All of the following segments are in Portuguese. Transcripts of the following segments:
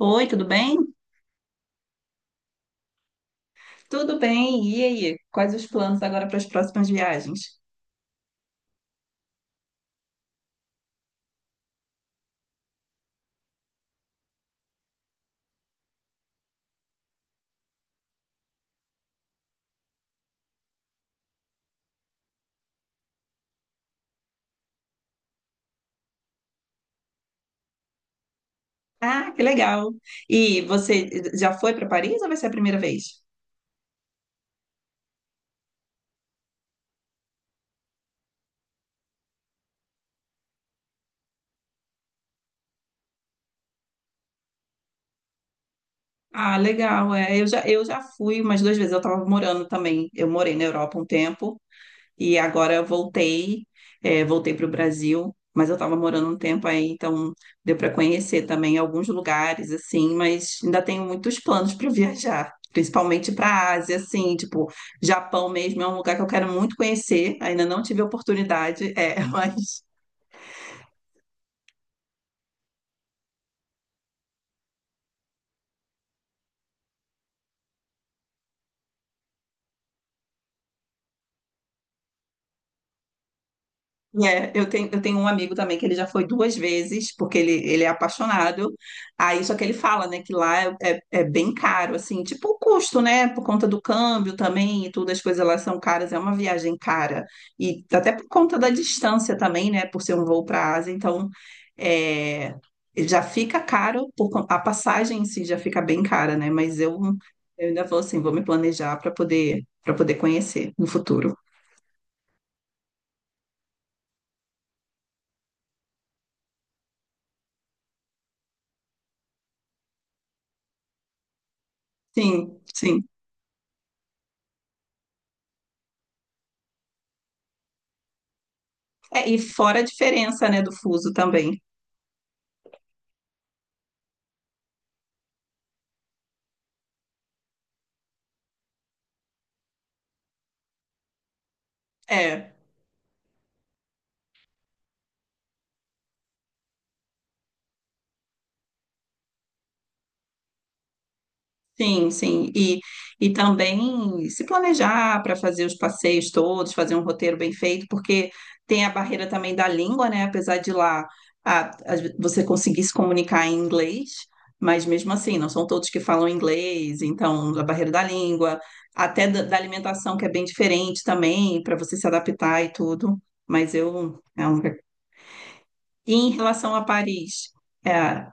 Oi, tudo bem? Tudo bem. E aí? Quais os planos agora para as próximas viagens? Ah, que legal. E você já foi para Paris ou vai ser a primeira vez? Ah, legal. É, eu já fui umas duas vezes. Eu estava morando também. Eu morei na Europa um tempo. E agora eu voltei, voltei para o Brasil, mas eu estava morando um tempo aí, então deu para conhecer também alguns lugares, assim, mas ainda tenho muitos planos para viajar, principalmente para a Ásia, assim, tipo, Japão mesmo é um lugar que eu quero muito conhecer, ainda não tive oportunidade, mas É, eu tenho um amigo também que ele já foi duas vezes, porque ele é apaixonado. Aí, só que ele fala, né, que lá é bem caro, assim, tipo o custo, né, por conta do câmbio também e tudo, as coisas lá são caras, é uma viagem cara. E até por conta da distância também, né, por ser um voo para a Ásia, então é, já fica caro, a passagem em si já fica bem cara, né, mas eu ainda vou assim, vou me planejar para poder conhecer no futuro. Sim, sim. É, e fora a diferença, né, do fuso também. É, sim, sim. E também se planejar para fazer os passeios todos, fazer um roteiro bem feito, porque tem a barreira também da língua, né? Apesar de lá você conseguir se comunicar em inglês, mas mesmo assim, não são todos que falam inglês, então a barreira da língua, até da alimentação, que é bem diferente também, para você se adaptar e tudo. Mas eu. é um- E em relação a Paris, É,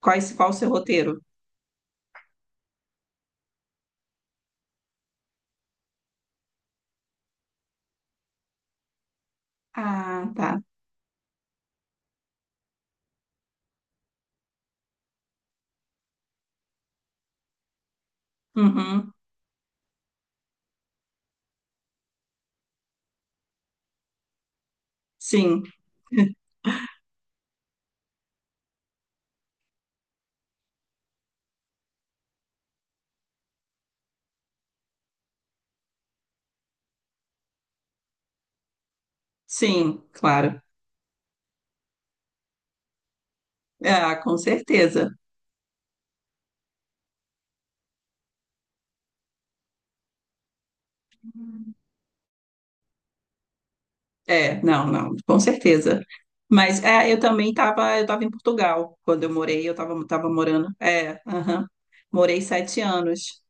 qual o seu roteiro? Ah, tá. Uhum. Sim, sim, claro. Ah, com certeza. É, não, não, com certeza. Eu eu estava em Portugal quando eu morei, eu estava morando. É, aham. Morei 7 anos.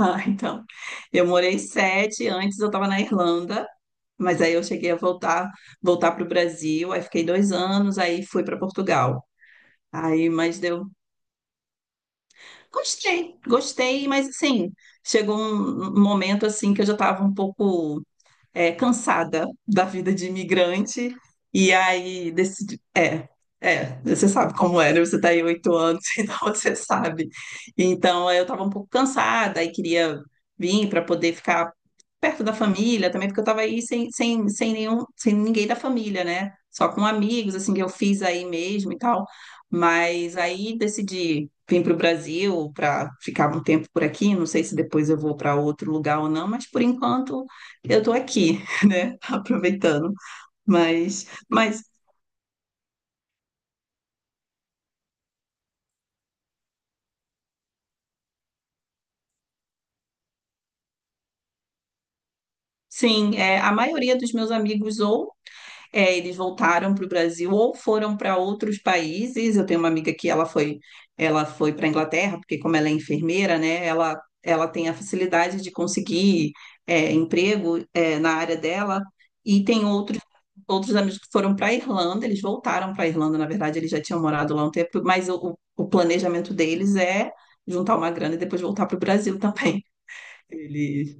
Ah, então, eu morei sete, antes eu estava na Irlanda, mas aí eu cheguei a voltar, para o Brasil, aí fiquei 2 anos, aí fui para Portugal. Aí, mas deu Gostei, gostei, mas assim, chegou um momento assim que eu já estava um pouco cansada da vida de imigrante, e aí decidi. Você sabe como é, né? Você tá aí 8 anos, então você sabe. Então eu tava um pouco cansada e queria vir para poder ficar perto da família também, porque eu tava aí sem, sem ninguém da família, né? Só com amigos, assim, que eu fiz aí mesmo e tal. Mas aí decidi vir para o Brasil para ficar um tempo por aqui. Não sei se depois eu vou para outro lugar ou não, mas por enquanto eu tô aqui, né? Aproveitando. Mas sim, a maioria dos meus amigos eles voltaram para o Brasil ou foram para outros países. Eu tenho uma amiga que ela foi para a Inglaterra, porque como ela é enfermeira, né, ela tem a facilidade de conseguir emprego na área dela. E tem outros amigos que foram para a Irlanda, eles voltaram para a Irlanda, na verdade, eles já tinham morado lá um tempo, mas o planejamento deles é juntar uma grana e depois voltar para o Brasil também. Eles...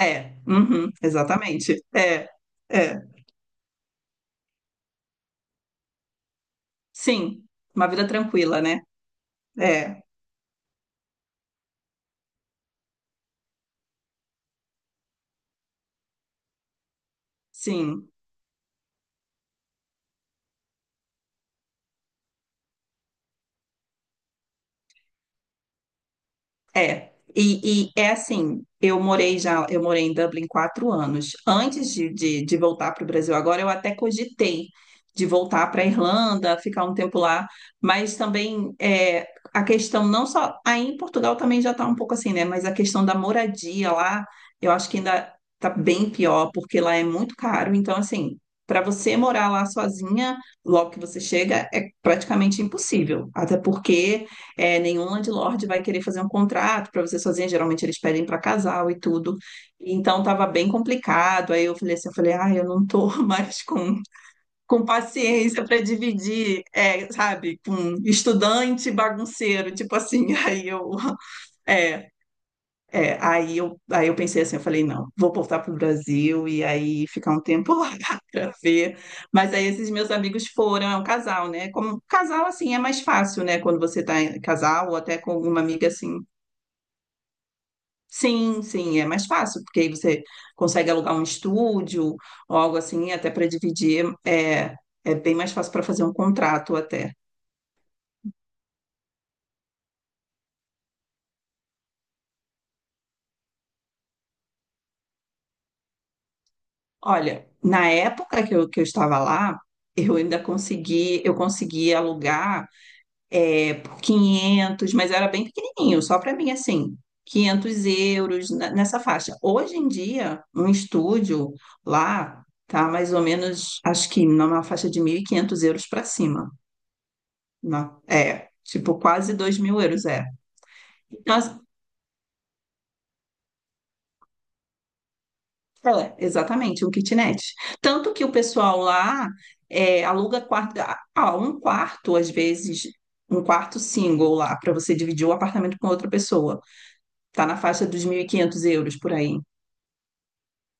É, uhum, exatamente. É, é. Sim, uma vida tranquila, né? É, sim. É, e é assim, eu morei em Dublin 4 anos. Antes de voltar para o Brasil agora, eu até cogitei de voltar para a Irlanda, ficar um tempo lá, mas também a questão não só, aí em Portugal também já está um pouco assim, né? Mas a questão da moradia lá, eu acho que ainda está bem pior, porque lá é muito caro. Então, assim, para você morar lá sozinha, logo que você chega, é praticamente impossível. Até porque nenhum landlord vai querer fazer um contrato para você sozinha, geralmente eles pedem para casal e tudo. Então estava bem complicado. Aí eu falei, ah eu não tô mais com, paciência para dividir, sabe, com estudante bagunceiro, tipo assim. É, aí eu pensei assim, eu falei, não, vou voltar para o Brasil e aí ficar um tempo lá para ver. Mas aí esses meus amigos foram, é um casal, né? Como casal, assim, é mais fácil, né? Quando você tá em casal ou até com alguma amiga assim. Sim, sim, é mais fácil, porque aí você consegue alugar um estúdio ou algo assim, até para dividir. É, é bem mais fácil para fazer um contrato até. Olha, na época que eu estava lá, eu consegui alugar por 500, mas era bem pequenininho, só para mim, assim, 500 euros nessa faixa. Hoje em dia, um estúdio lá tá mais ou menos, acho que numa faixa de 1.500 euros para cima, né? É, tipo, quase 2 mil euros. Então, é, exatamente, um kitnet. Tanto que o pessoal lá aluga quarto, ah, um quarto, às vezes, um quarto single lá, para você dividir o apartamento com outra pessoa. Tá na faixa dos 1.500 euros por aí.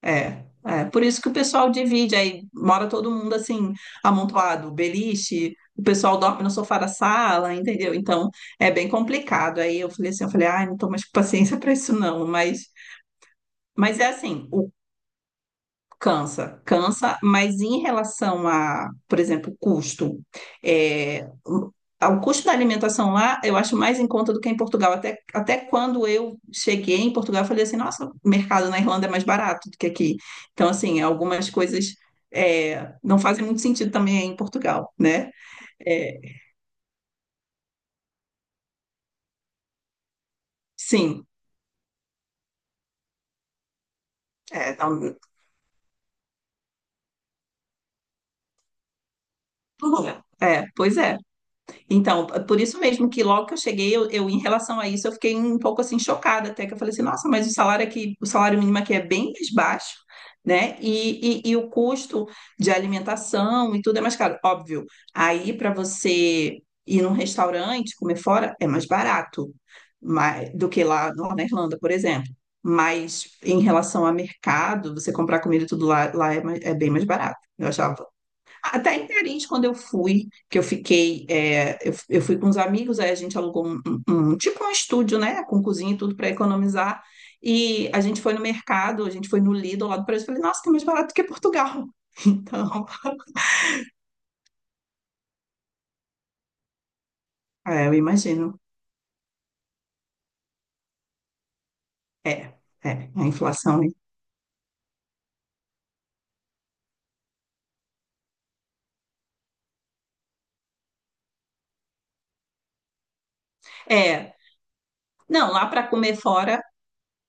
É, é. Por isso que o pessoal divide, aí mora todo mundo assim, amontoado, beliche, o pessoal dorme no sofá da sala, entendeu? Então é bem complicado. Aí eu falei, ai, não tô mais com paciência para isso não, mas, é assim, Cansa, cansa, mas em relação a, por exemplo, custo, é, o ao custo da alimentação lá, eu acho mais em conta do que em Portugal. Até quando eu cheguei em Portugal, eu falei assim, nossa, o mercado na Irlanda é mais barato do que aqui. Então, assim, algumas coisas não fazem muito sentido também em Portugal, né? É, sim, é, não- tudo bem. É, pois é. Então, por isso mesmo que logo que eu cheguei, em relação a isso, eu fiquei um pouco assim chocada, até que eu falei assim, nossa, mas o salário aqui, o salário mínimo aqui é bem mais baixo, né? E o custo de alimentação e tudo é mais caro. Óbvio, aí para você ir num restaurante, comer fora, é mais barato, do que lá na Irlanda, por exemplo. Mas em relação a mercado, você comprar comida e tudo lá é bem mais barato. Eu achava, até em Tarente, quando eu fui, que eu fiquei, eu fui com os amigos, aí a gente alugou tipo um estúdio, né, com cozinha e tudo para economizar. E a gente foi no mercado, a gente foi no Lidl lá do Brasil, falei, nossa, tá mais barato que Portugal. Então, eu imagino. É, é, a inflação. Né? É, não, lá para comer fora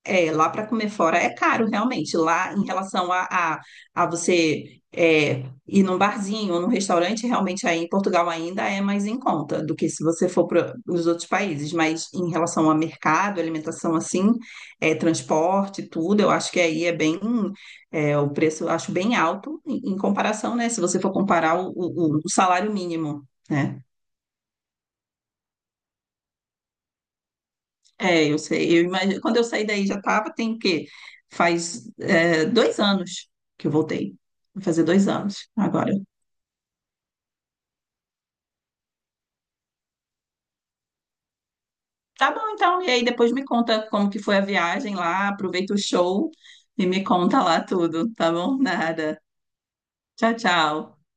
É, lá para comer fora é caro, realmente. Lá, em relação a você ir num barzinho ou num restaurante, realmente aí em Portugal ainda é mais em conta do que se você for para os outros países. Mas em relação a mercado, alimentação assim, transporte, tudo, eu acho que aí o preço eu acho bem alto em comparação, né? Se você for comparar o salário mínimo, né? É, eu sei, eu imagino. Quando eu saí daí já estava, tem o quê? Faz 2 anos que eu voltei. Vai fazer 2 anos agora. Tá bom, então. E aí depois me conta como que foi a viagem lá, aproveita o show e me conta lá tudo, tá bom? Nada. Tchau, tchau.